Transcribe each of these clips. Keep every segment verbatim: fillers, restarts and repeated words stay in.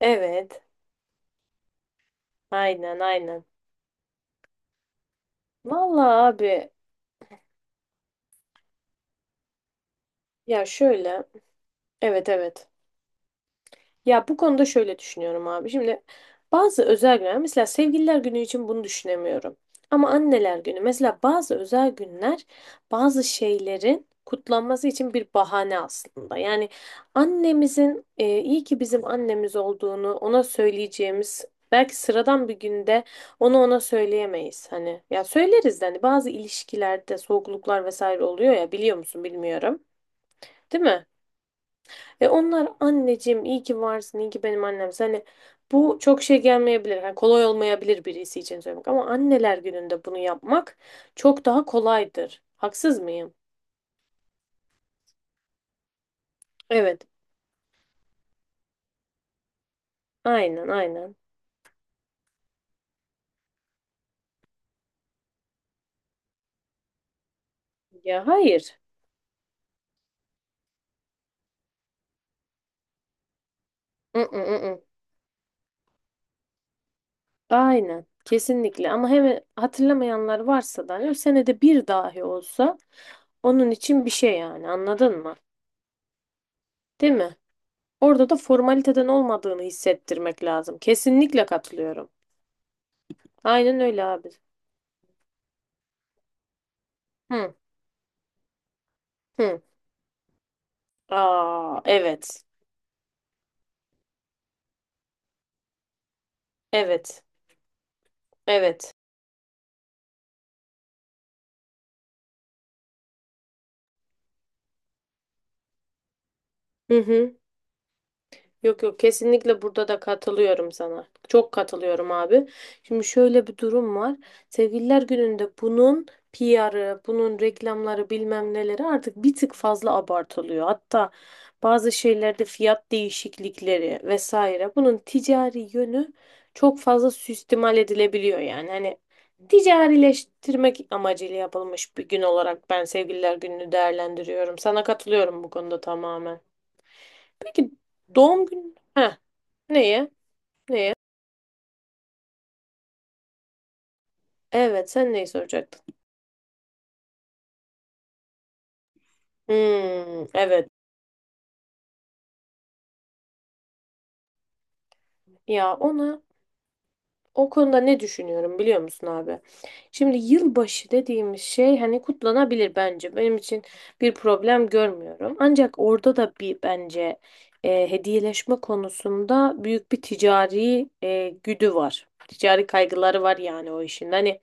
Evet. Aynen aynen. Vallahi abi ya şöyle. Evet evet. Ya bu konuda şöyle düşünüyorum abi. Şimdi bazı özel günler mesela sevgililer günü için bunu düşünemiyorum. Ama anneler günü mesela bazı özel günler bazı şeylerin kutlanması için bir bahane aslında. Yani annemizin e, iyi ki bizim annemiz olduğunu ona söyleyeceğimiz belki sıradan bir günde onu ona söyleyemeyiz. Hani ya söyleriz de hani bazı ilişkilerde soğukluklar vesaire oluyor ya biliyor musun bilmiyorum. Değil mi? Ve onlar anneciğim iyi ki varsın, iyi ki benim annem. Hani bu çok şey gelmeyebilir. Yani kolay olmayabilir birisi için söylemek ama anneler gününde bunu yapmak çok daha kolaydır. Haksız mıyım? Evet. Aynen, aynen. Ya hayır. I, ı, ı, ı. Aynen. Kesinlikle ama hem hatırlamayanlar varsa da hani senede bir dahi olsa onun için bir şey yani anladın mı? Değil mi? Orada da formaliteden olmadığını hissettirmek lazım. Kesinlikle katılıyorum. Aynen öyle abi. Hı. Hı. Aa, evet. Evet. Evet. Hı hı. Yok yok kesinlikle burada da katılıyorum sana. Çok katılıyorum abi. Şimdi şöyle bir durum var. Sevgililer Günü'nde bunun P R'ı, bunun reklamları bilmem neleri artık bir tık fazla abartılıyor. Hatta bazı şeylerde fiyat değişiklikleri vesaire bunun ticari yönü çok fazla süstimal edilebiliyor yani. Hani ticarileştirmek amacıyla yapılmış bir gün olarak ben Sevgililer Günü'nü değerlendiriyorum. Sana katılıyorum bu konuda tamamen. Peki doğum günü... Heh. Neyi? Evet, sen neyi soracaktın? Hmm, evet. Ya ona o konuda ne düşünüyorum biliyor musun abi? Şimdi yılbaşı dediğimiz şey hani kutlanabilir bence. Benim için bir problem görmüyorum. Ancak orada da bir bence e, hediyeleşme konusunda büyük bir ticari e, güdü var. Ticari kaygıları var yani o işin. Hani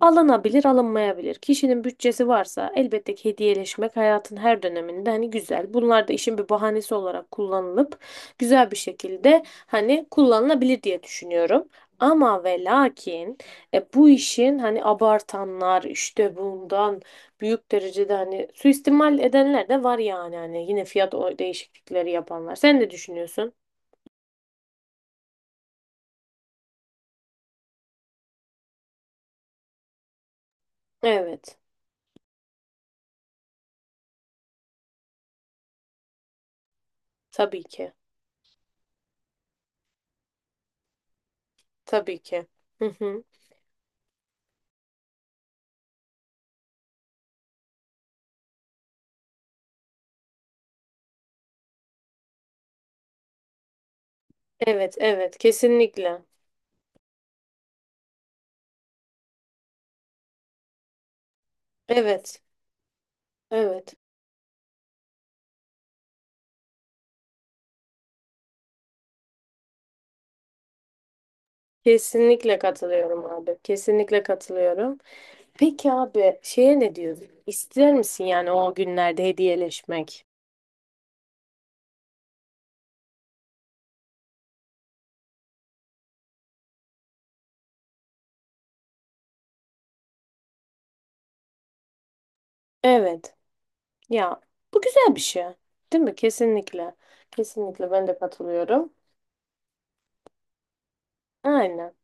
alınabilir, alınmayabilir. Kişinin bütçesi varsa elbette ki hediyeleşmek hayatın her döneminde hani güzel. Bunlar da işin bir bahanesi olarak kullanılıp güzel bir şekilde hani kullanılabilir diye düşünüyorum. Ama ve lakin e, bu işin hani abartanlar işte bundan büyük derecede hani suistimal edenler de var yani hani yine fiyat o- değişiklikleri yapanlar. Sen ne düşünüyorsun? Evet, tabii ki. Tabii ki. Hı hı. Evet, evet, kesinlikle. Evet. Evet. Kesinlikle katılıyorum abi. Kesinlikle katılıyorum. Peki abi şeye ne diyorsun? İster misin yani o günlerde hediyeleşmek? Evet. Ya bu güzel bir şey. Değil mi? Kesinlikle. Kesinlikle ben de katılıyorum. Aynen.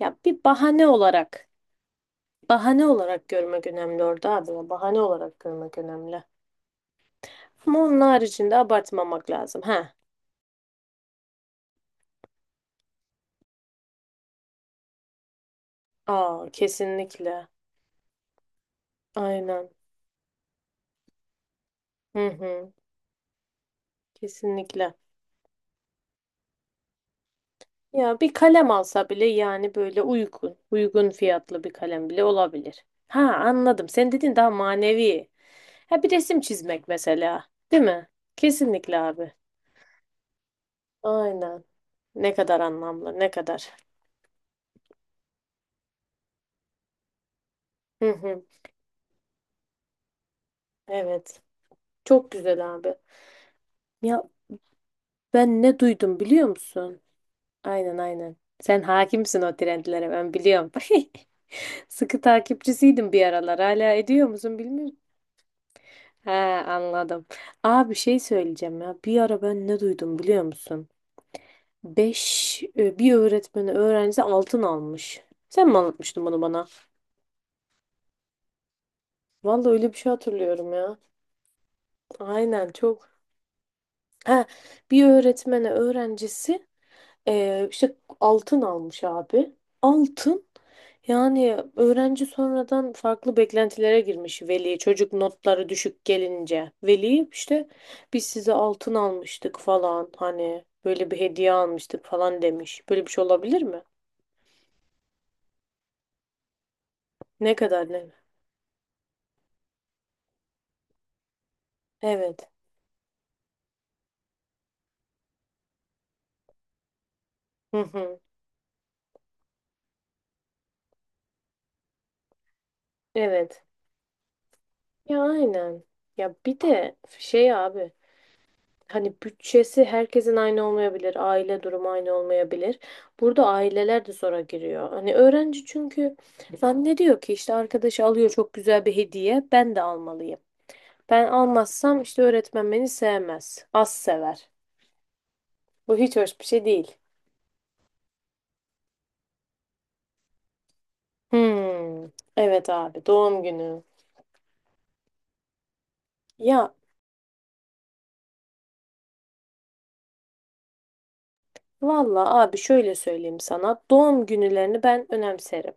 Ya bir bahane olarak, bahane olarak görmek önemli orada abi. Ya, bahane olarak görmek önemli. Ama onun haricinde abartmamak lazım. Ha. Aa kesinlikle. Aynen. Hı hı. Kesinlikle. Ya bir kalem alsa bile yani böyle uygun, uygun fiyatlı bir kalem bile olabilir. Ha, anladım. Sen dedin daha manevi. Ha, bir resim çizmek mesela, değil mi? Kesinlikle abi. Aynen. Ne kadar anlamlı, ne kadar. Hı hı. Evet. Çok güzel abi. Ya ben ne duydum biliyor musun? Aynen aynen. Sen hakimsin o trendlere ben biliyorum. Sıkı takipçisiydim bir aralar. Hala ediyor musun bilmiyorum. He, anladım. Aa, bir şey söyleyeceğim ya. Bir ara ben ne duydum biliyor musun? Beş, e, bir öğretmeni öğrencisi altın almış. Sen mi anlatmıştın bunu bana? Vallahi öyle bir şey hatırlıyorum ya. Aynen çok. Ha, bir öğretmeni öğrencisi e, işte altın almış abi. Altın. Yani öğrenci sonradan farklı beklentilere girmiş veli. Çocuk notları düşük gelince. Veli işte biz size altın almıştık falan hani böyle bir hediye almıştık falan demiş. Böyle bir şey olabilir mi? Ne kadar ne? Evet. Hı hı. Evet. Ya aynen. Ya bir de şey abi. Hani bütçesi herkesin aynı olmayabilir, aile durumu aynı olmayabilir. Burada aileler de zora giriyor. Hani öğrenci çünkü zannediyor ki işte arkadaşı alıyor çok güzel bir hediye, ben de almalıyım. Ben almazsam işte öğretmen beni sevmez, az sever. Bu hiç hoş bir şey değil. Hmm, evet abi doğum günü. Ya vallahi abi şöyle söyleyeyim sana. Doğum günlerini ben önemserim.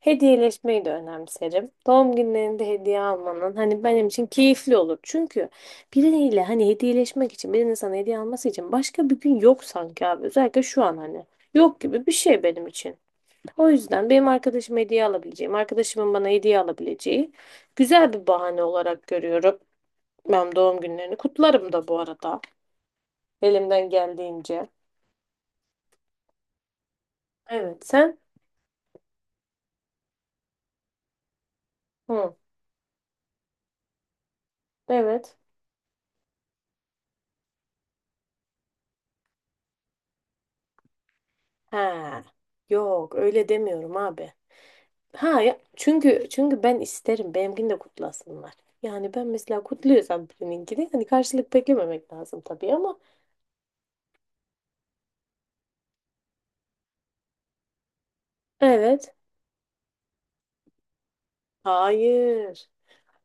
Hediyeleşmeyi de önemserim. Doğum günlerinde hediye almanın hani benim için keyifli olur. Çünkü biriyle hani hediyeleşmek için birinin sana hediye alması için başka bir gün yok sanki abi. Özellikle şu an hani yok gibi bir şey benim için. O yüzden benim arkadaşım hediye alabileceğim, arkadaşımın bana hediye alabileceği güzel bir bahane olarak görüyorum. Ben doğum günlerini kutlarım da bu arada elimden geldiğince. Evet, sen? Hı. Evet. Ha, yok öyle demiyorum abi. Ha ya, çünkü çünkü ben isterim benimkini de kutlasınlar. Yani ben mesela kutluyorsam birininkini hani karşılık beklememek lazım tabii ama evet. Hayır.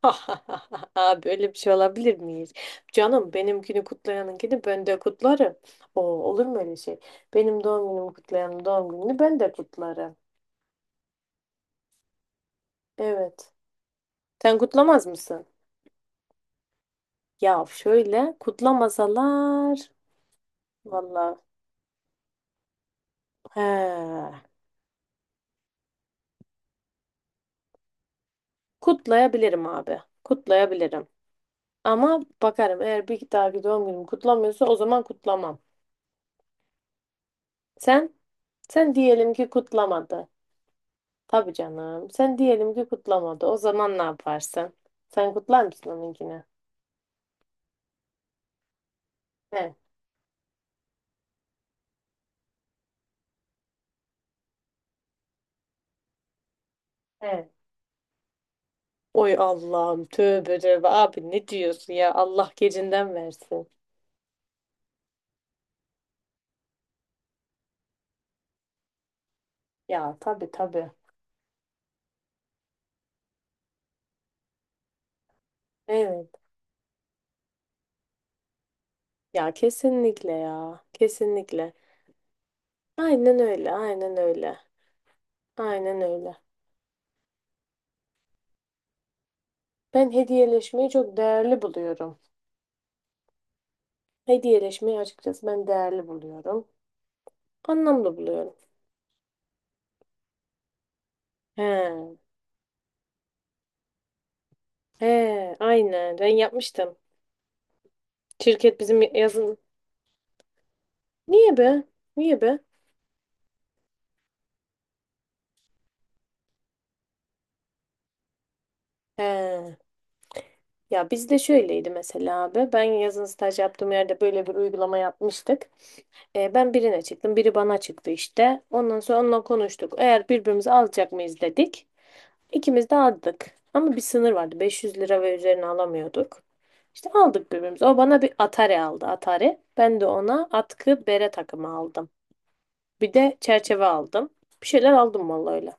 Abi öyle bir şey olabilir miyiz? Canım benimkini kutlayanınkini ben de kutlarım. O olur mu öyle şey? Benim doğum günümü kutlayanın doğum gününü ben de kutlarım. Evet. Sen kutlamaz mısın? Ya şöyle kutlamasalar, vallahi. He. Kutlayabilirim abi. Kutlayabilirim. Ama bakarım eğer bir dahaki doğum günüm kutlamıyorsa o zaman kutlamam. Sen? Sen diyelim ki kutlamadı. Tabii canım. Sen diyelim ki kutlamadı. O zaman ne yaparsın? Sen kutlar mısın onunkini? He. He. Oy Allah'ım, tövbe tövbe abi, ne diyorsun ya? Allah gecinden versin. Ya tabii tabii. Evet. Ya kesinlikle ya. Kesinlikle. Aynen öyle. Aynen öyle. Aynen öyle. Ben hediyeleşmeyi çok değerli buluyorum. Hediyeleşmeyi açıkçası ben değerli buluyorum. Anlamlı buluyorum. He. He, aynen. Ben yapmıştım. Şirket bizim yazın... Niye be? Niye be? He. Ya bizde şöyleydi mesela abi. Ben yazın staj yaptığım yerde böyle bir uygulama yapmıştık. E, ben birine çıktım, biri bana çıktı işte. Ondan sonra onunla konuştuk. Eğer birbirimizi alacak mıyız dedik. İkimiz de aldık. Ama bir sınır vardı. 500 lira ve üzerine alamıyorduk. İşte aldık birbirimize. O bana bir Atari aldı. Atari. Ben de ona atkı bere takımı aldım. Bir de çerçeve aldım. Bir şeyler aldım vallahi öyle.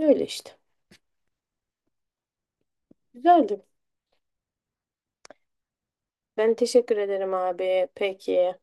Öyle işte. Güzeldi. Ben teşekkür ederim abi. Peki.